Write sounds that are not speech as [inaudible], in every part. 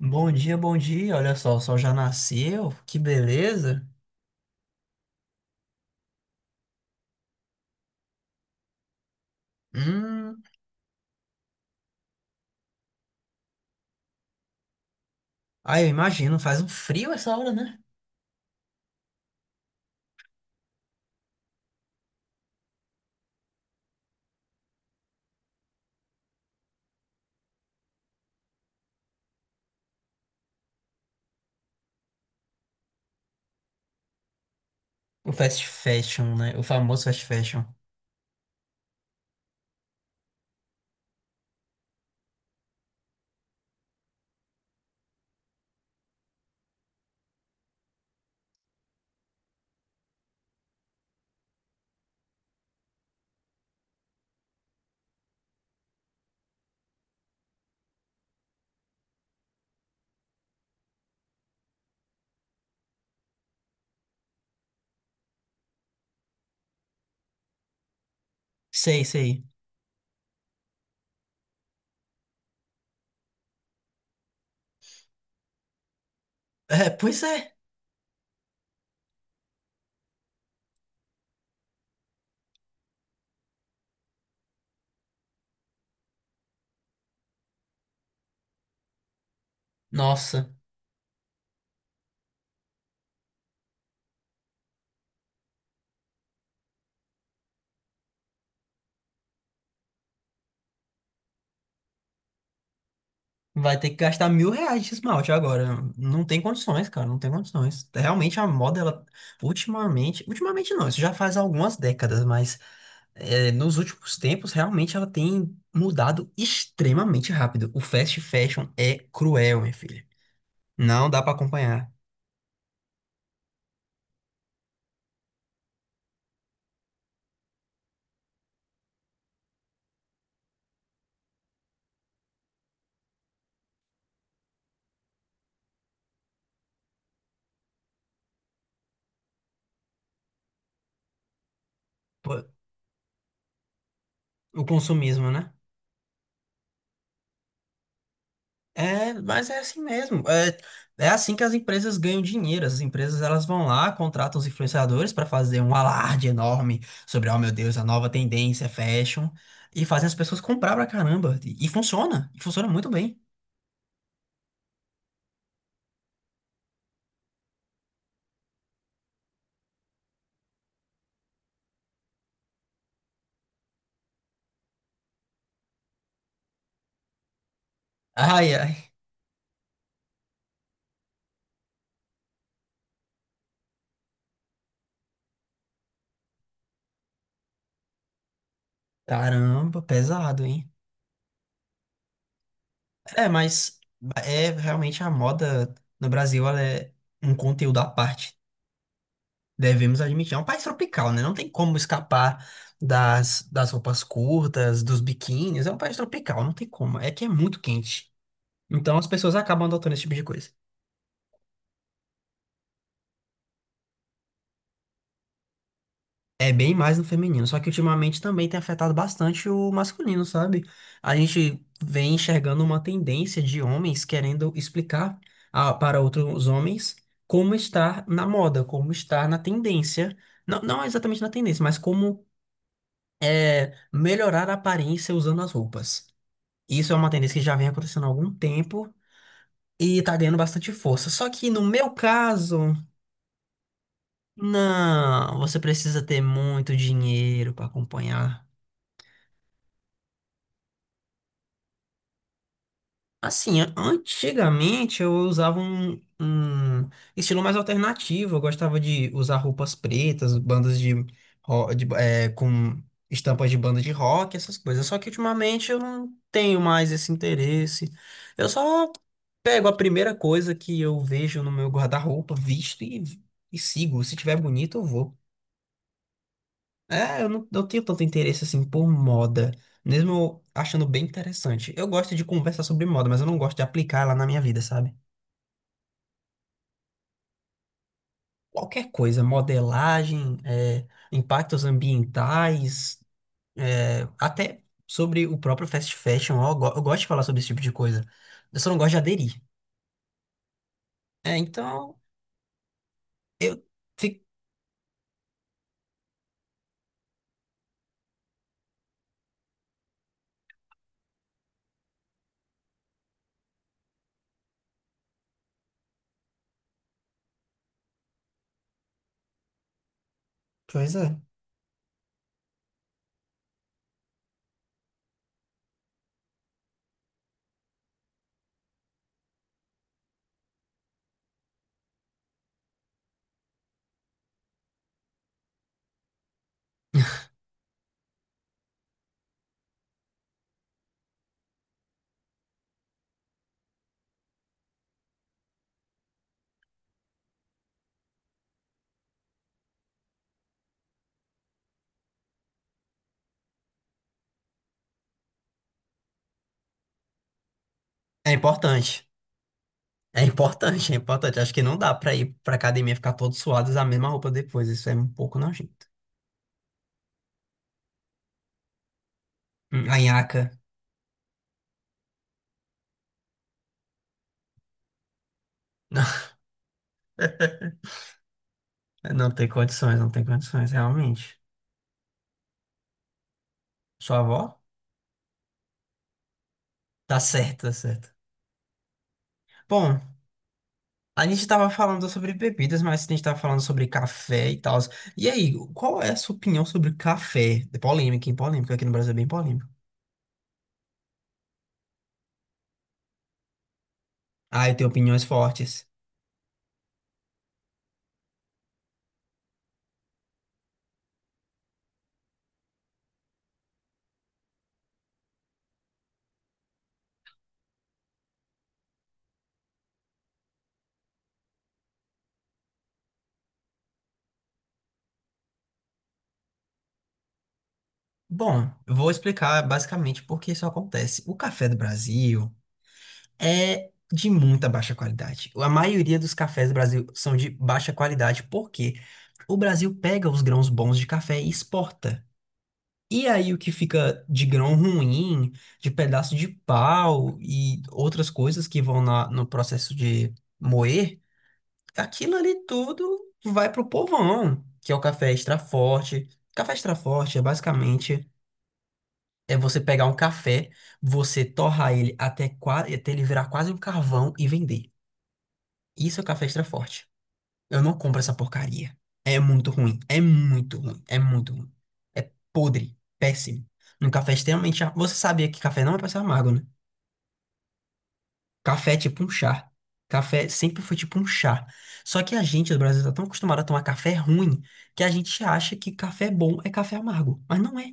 Bom dia, bom dia. Olha só, o sol já nasceu. Que beleza. Hum. Ah, eu imagino, faz um frio essa hora, né? O fast fashion, né? O famoso fast fashion. Sei, sei. É, pois é. Nossa, vai ter que gastar R$ 1.000 de esmalte agora. Não tem condições, cara, não tem condições. Realmente a moda, ela, ultimamente não, isso já faz algumas décadas, mas nos últimos tempos, realmente ela tem mudado extremamente rápido. O fast fashion é cruel, minha filha. Não dá para acompanhar. Pô, o consumismo, né? É, mas é assim mesmo. É assim que as empresas ganham dinheiro. As empresas elas vão lá, contratam os influenciadores para fazer um alarde enorme sobre, oh meu Deus, a nova tendência é fashion e fazem as pessoas comprar pra caramba. E funciona, e funciona muito bem. Ai, ai, caramba, pesado, hein? É, mas é realmente a moda no Brasil, ela é um conteúdo à parte. Devemos admitir, é um país tropical, né? Não tem como escapar das roupas curtas, dos biquínis. É um país tropical, não tem como. É que é muito quente. Então as pessoas acabam adotando esse tipo de coisa. É bem mais no feminino, só que ultimamente também tem afetado bastante o masculino, sabe? A gente vem enxergando uma tendência de homens querendo explicar para outros homens como estar na moda, como estar na tendência. Não, não exatamente na tendência, mas como melhorar a aparência usando as roupas. Isso é uma tendência que já vem acontecendo há algum tempo e tá ganhando bastante força. Só que no meu caso, não, você precisa ter muito dinheiro para acompanhar. Assim, antigamente eu usava um estilo mais alternativo. Eu gostava de usar roupas pretas, bandas de, ro- de é, com estampas de banda de rock, essas coisas. Só que ultimamente eu não tenho mais esse interesse. Eu só pego a primeira coisa que eu vejo no meu guarda-roupa, e sigo. Se tiver bonito, eu vou. Eu não tenho tanto interesse assim por moda, mesmo eu achando bem interessante. Eu gosto de conversar sobre moda, mas eu não gosto de aplicar ela na minha vida, sabe? Qualquer coisa, modelagem, impactos ambientais, até sobre o próprio fast fashion, eu gosto de falar sobre esse tipo de coisa. Eu só não gosto de aderir. É, então, eu fico. Pois é. É importante. É importante, [laughs] é importante. Acho que não dá pra ir pra academia e ficar todo suado e usar a mesma roupa depois. Isso é um pouco nojento. A nhaca. [laughs] Não tem condições, não tem condições, realmente. Sua avó? Tá certo, tá certo. Bom, a gente tava falando sobre bebidas, mas a gente tava falando sobre café e tal. E aí, qual é a sua opinião sobre café? É polêmica, hein? Polêmica. Aqui no Brasil é bem polêmico. Ah, eu tenho opiniões fortes. Bom, eu vou explicar basicamente por que isso acontece. O café do Brasil é de muita baixa qualidade. A maioria dos cafés do Brasil são de baixa qualidade, porque o Brasil pega os grãos bons de café e exporta. E aí o que fica de grão ruim, de pedaço de pau e outras coisas que vão no processo de moer, aquilo ali tudo vai pro povão, que é o café extra forte. Café extra forte é basicamente você pegar um café, você torrar ele até ele virar quase um carvão e vender. Isso é café extra forte. Eu não compro essa porcaria. É muito ruim. É muito ruim. É muito ruim. É podre. Péssimo. Um café você sabia que café não é pra ser amargo, né? Café é tipo um chá. Café sempre foi tipo um chá. Só que a gente, do Brasil, tá tão acostumado a tomar café ruim que a gente acha que café bom é café amargo. Mas não é.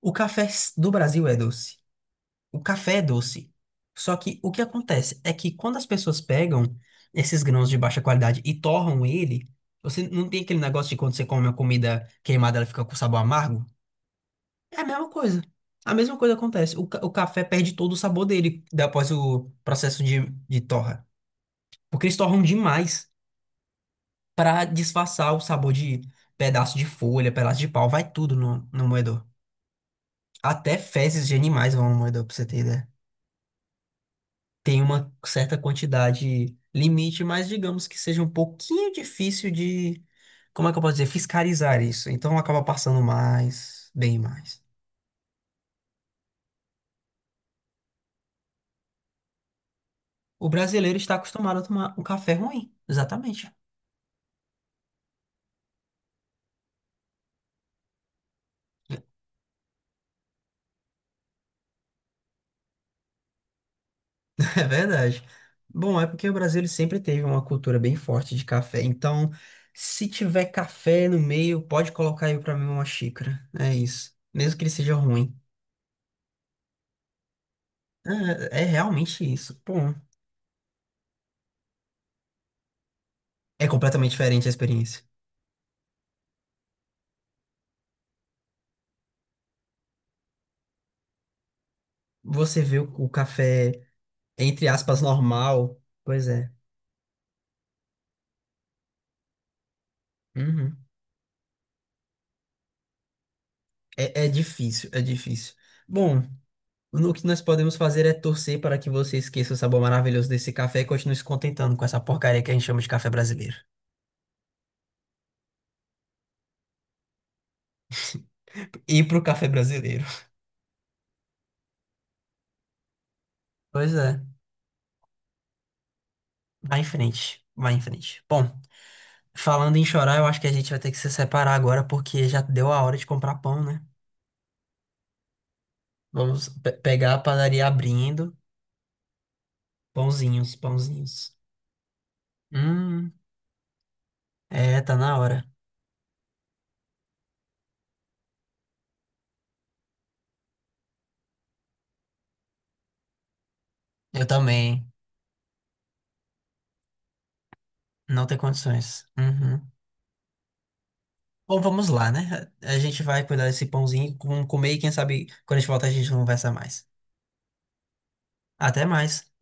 Do Brasil é doce. O café é doce. Só que o que acontece é que quando as pessoas pegam esses grãos de baixa qualidade e torram ele, você não tem aquele negócio de quando você come uma comida queimada, ela fica com sabor amargo? É a mesma coisa. A mesma coisa acontece. O café perde todo o sabor dele após o processo de torra. Porque eles torram demais para disfarçar o sabor de pedaço de folha, pedaço de pau, vai tudo no moedor. Até fezes de animais vão no moedor, pra você ter ideia. Tem uma certa quantidade limite, mas digamos que seja um pouquinho difícil de como é que eu posso dizer, fiscalizar isso. Então acaba passando mais, bem mais. O brasileiro está acostumado a tomar um café ruim, exatamente. [laughs] É verdade. Bom, é porque o Brasil ele sempre teve uma cultura bem forte de café. Então, se tiver café no meio, pode colocar aí pra mim uma xícara. É isso. Mesmo que ele seja ruim. É, é realmente isso. Bom, é completamente diferente a experiência. Você vê o café, entre aspas, normal. Pois é. Uhum. É, é difícil, é difícil. Bom, o que nós podemos fazer é torcer para que você esqueça o sabor maravilhoso desse café e continue se contentando com essa porcaria que a gente chama de café brasileiro. E pro café brasileiro. Pois é. Vai em frente, vai em frente. Bom, falando em chorar, eu acho que a gente vai ter que se separar agora porque já deu a hora de comprar pão, né? Vamos pegar a padaria abrindo. Pãozinhos, pãozinhos. Hum, é, tá na hora. Eu também. Não tem condições. Uhum. Bom, vamos lá, né? A gente vai cuidar desse pãozinho, comer e quem sabe quando a gente volta a gente conversa mais. Até mais.